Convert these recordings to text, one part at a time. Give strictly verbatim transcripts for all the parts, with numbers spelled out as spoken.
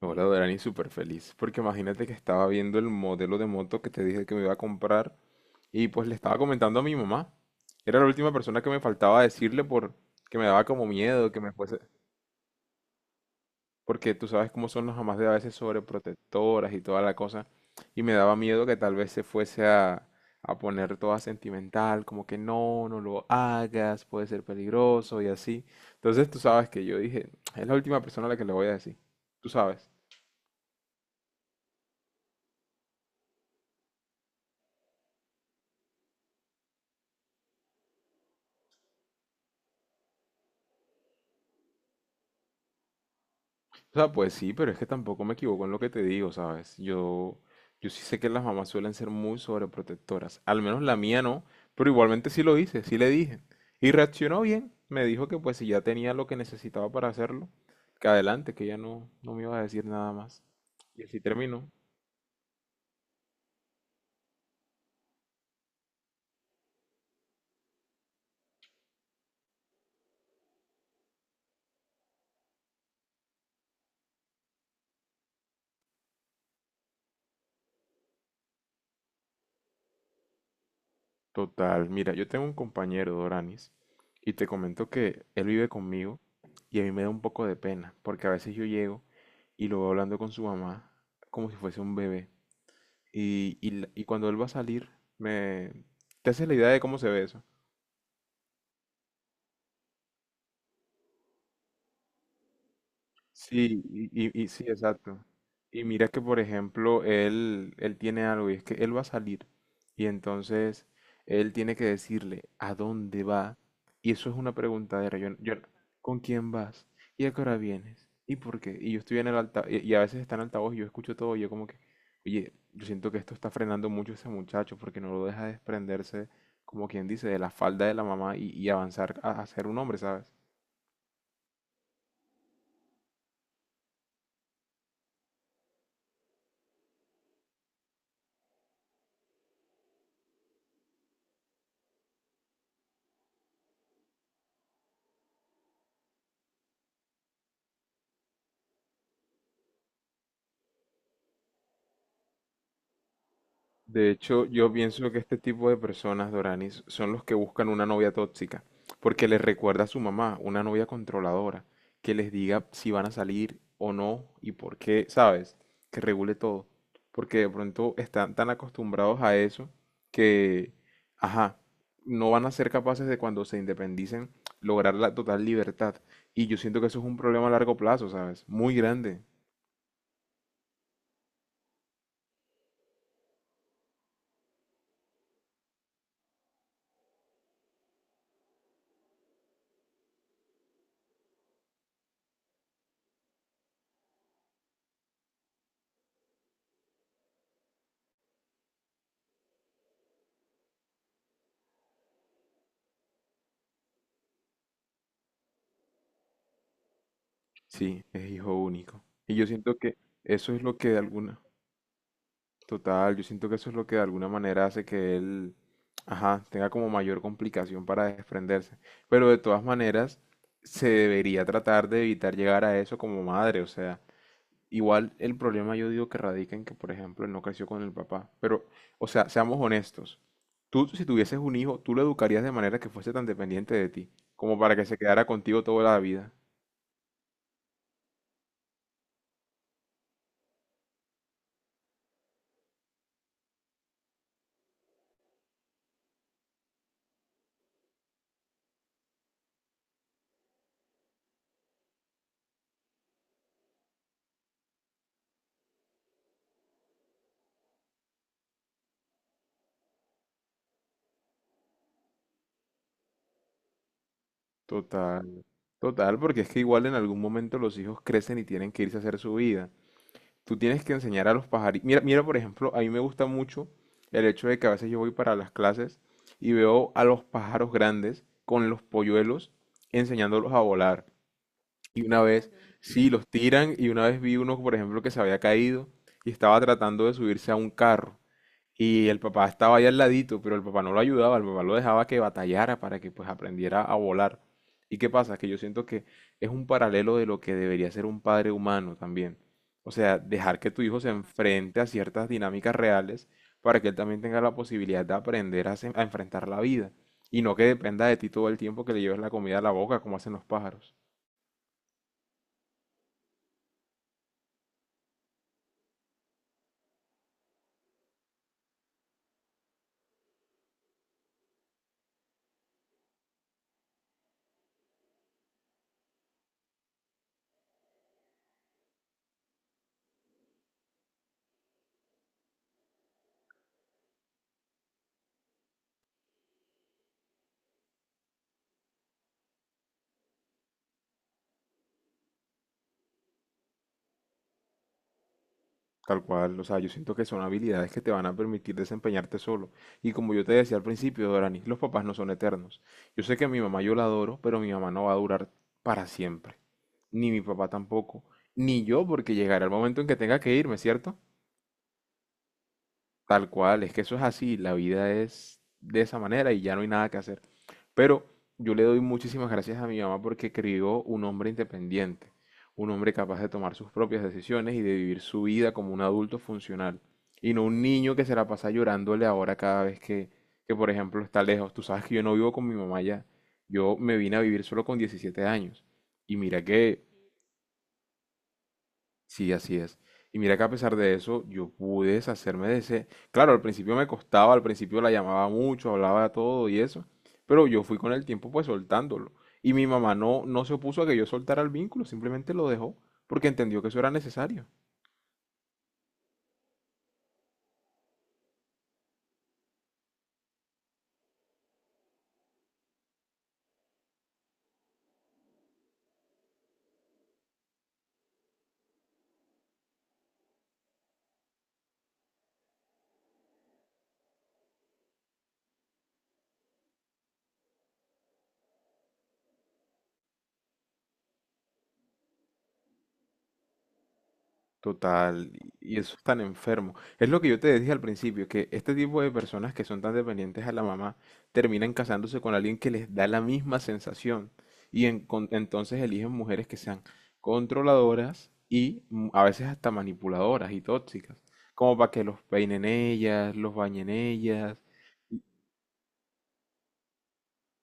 Hola Dorani, súper feliz, porque imagínate que estaba viendo el modelo de moto que te dije que me iba a comprar y pues le estaba comentando a mi mamá. Era la última persona que me faltaba decirle por que me daba como miedo que me fuese, porque tú sabes cómo son las mamás de a veces sobreprotectoras y toda la cosa, y me daba miedo que tal vez se fuese a, a poner toda sentimental, como que no, no lo hagas, puede ser peligroso y así. Entonces tú sabes que yo dije, es la última persona a la que le voy a decir, tú sabes. O sea, pues sí, pero es que tampoco me equivoco en lo que te digo, ¿sabes? Yo, yo sí sé que las mamás suelen ser muy sobreprotectoras. Al menos la mía no, pero igualmente sí lo hice, sí le dije. Y reaccionó bien. Me dijo que pues si ya tenía lo que necesitaba para hacerlo, que adelante, que ya no, no me iba a decir nada más. Y así terminó. Total, mira, yo tengo un compañero, Doranis, y te comento que él vive conmigo y a mí me da un poco de pena, porque a veces yo llego y lo veo hablando con su mamá como si fuese un bebé. Y, y y cuando él va a salir, me... ¿Te haces la idea de cómo se ve eso? Sí, y, y- y sí, exacto. Y mira que, por ejemplo, él, él tiene algo y es que él va a salir y entonces él tiene que decirle a dónde va y eso es una preguntadera. Yo, yo, ¿con quién vas? ¿Y a qué hora vienes? ¿Y por qué? Y yo estoy en el altavoz y, y a veces está en altavoz y yo escucho todo y yo como que, oye, yo siento que esto está frenando mucho a ese muchacho porque no lo deja desprenderse, como quien dice, de la falda de la mamá y, y avanzar a, a ser un hombre, ¿sabes? De hecho, yo pienso que este tipo de personas, Doranis, son los que buscan una novia tóxica, porque les recuerda a su mamá, una novia controladora, que les diga si van a salir o no y por qué, ¿sabes? Que regule todo, porque de pronto están tan acostumbrados a eso que, ajá, no van a ser capaces de cuando se independicen lograr la total libertad. Y yo siento que eso es un problema a largo plazo, ¿sabes? Muy grande. Sí, es hijo único. Y yo siento que eso es lo que de alguna... Total, yo siento que eso es lo que de alguna manera hace que él, ajá, tenga como mayor complicación para desprenderse. Pero de todas maneras, se debería tratar de evitar llegar a eso como madre. O sea, igual el problema yo digo que radica en que, por ejemplo, él no creció con el papá. Pero, o sea, seamos honestos. Tú, si tuvieses un hijo, tú lo educarías de manera que fuese tan dependiente de ti, como para que se quedara contigo toda la vida. Total, total, porque es que igual en algún momento los hijos crecen y tienen que irse a hacer su vida. Tú tienes que enseñar a los pajaritos. Mira, mira, por ejemplo, a mí me gusta mucho el hecho de que a veces yo voy para las clases y veo a los pájaros grandes con los polluelos enseñándolos a volar. Y una vez, sí, los tiran y una vez vi uno, por ejemplo, que se había caído y estaba tratando de subirse a un carro. Y el papá estaba ahí al ladito, pero el papá no lo ayudaba, el papá lo dejaba que batallara para que pues aprendiera a volar. ¿Y qué pasa? Que yo siento que es un paralelo de lo que debería ser un padre humano también. O sea, dejar que tu hijo se enfrente a ciertas dinámicas reales para que él también tenga la posibilidad de aprender a, se- a enfrentar la vida. Y no que dependa de ti todo el tiempo que le lleves la comida a la boca, como hacen los pájaros. Tal cual, o sea, yo siento que son habilidades que te van a permitir desempeñarte solo. Y como yo te decía al principio, Dorani, los papás no son eternos. Yo sé que mi mamá yo la adoro, pero mi mamá no va a durar para siempre. Ni mi papá tampoco. Ni yo, porque llegará el momento en que tenga que irme, ¿cierto? Tal cual, es que eso es así, la vida es de esa manera y ya no hay nada que hacer. Pero yo le doy muchísimas gracias a mi mamá porque crió un hombre independiente, un hombre capaz de tomar sus propias decisiones y de vivir su vida como un adulto funcional. Y no un niño que se la pasa llorándole ahora cada vez que, que, por ejemplo, está lejos. Tú sabes que yo no vivo con mi mamá ya. Yo me vine a vivir solo con diecisiete años. Y mira que sí, así es. Y mira que a pesar de eso, yo pude deshacerme de ese. Claro, al principio me costaba, al principio la llamaba mucho, hablaba todo y eso, pero yo fui con el tiempo pues soltándolo. Y mi mamá no, no se opuso a que yo soltara el vínculo, simplemente lo dejó porque entendió que eso era necesario. Total, y eso es tan enfermo. Es lo que yo te dije al principio, que este tipo de personas que son tan dependientes a la mamá terminan casándose con alguien que les da la misma sensación y en- con- entonces eligen mujeres que sean controladoras y mm, a veces hasta manipuladoras y tóxicas, como para que los peinen ellas, los bañen ellas, y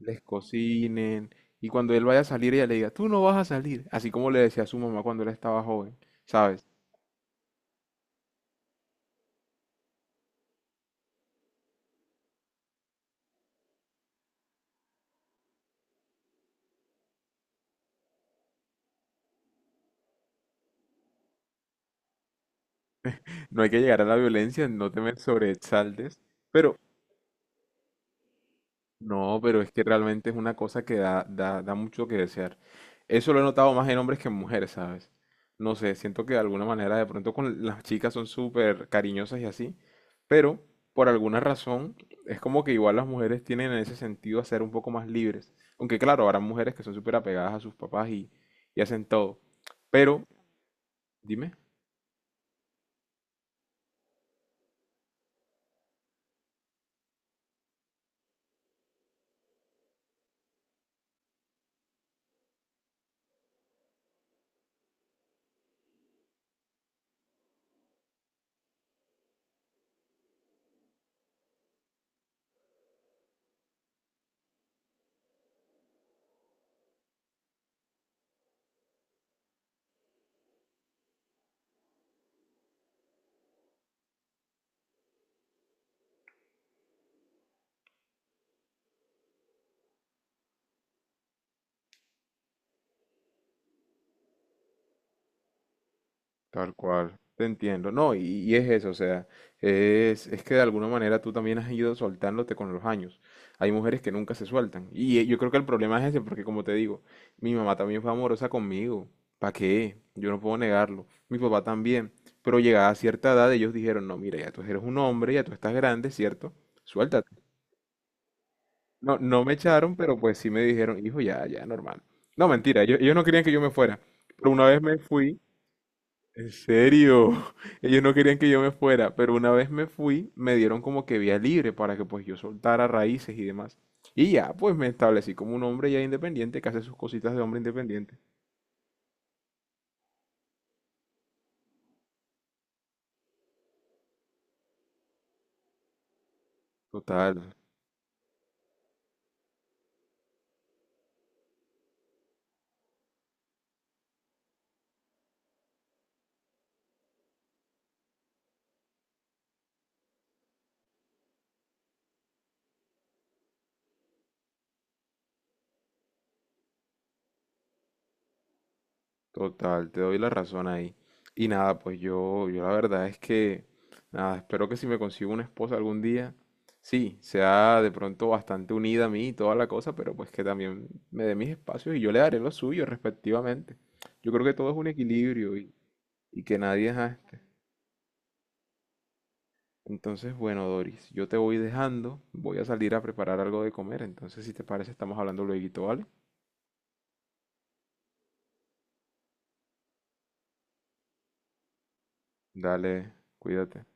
les cocinen y cuando él vaya a salir ella le diga, tú no vas a salir, así como le decía a su mamá cuando él estaba joven, ¿sabes? No hay que llegar a la violencia, no te me sobreexaltes, pero no, pero es que realmente es una cosa que da, da, da mucho que desear. Eso lo he notado más en hombres que en mujeres, ¿sabes? No sé, siento que de alguna manera de pronto con las chicas son súper cariñosas y así, pero por alguna razón es como que igual las mujeres tienen en ese sentido a ser un poco más libres. Aunque claro, habrá mujeres que son súper apegadas a sus papás y, y hacen todo. Pero, dime. Tal cual, te entiendo. No, y, y es eso, o sea, es, es que de alguna manera tú también has ido soltándote con los años. Hay mujeres que nunca se sueltan. Y eh, yo creo que el problema es ese, porque como te digo, mi mamá también fue amorosa conmigo. ¿Para qué? Yo no puedo negarlo. Mi papá también. Pero llegada a cierta edad, ellos dijeron, no, mira, ya tú eres un hombre, ya tú estás grande, ¿cierto? Suéltate. No, no me echaron, pero pues sí me dijeron, hijo, ya, ya, normal. No, mentira, ellos, ellos no querían que yo me fuera. Pero una vez me fui. En serio, ellos no querían que yo me fuera, pero una vez me fui, me dieron como que vía libre para que pues yo soltara raíces y demás. Y ya, pues me establecí como un hombre ya independiente que hace sus cositas de hombre independiente. Total, total, te doy la razón ahí. Y nada, pues yo, yo la verdad es que, nada, espero que si me consigo una esposa algún día, sí, sea de pronto bastante unida a mí y toda la cosa, pero pues que también me dé mis espacios y yo le daré los suyos respectivamente. Yo creo que todo es un equilibrio y que nadie ajá, entonces, bueno, Doris, yo te voy dejando, voy a salir a preparar algo de comer, entonces si te parece estamos hablando luego, ¿vale? Dale, cuídate.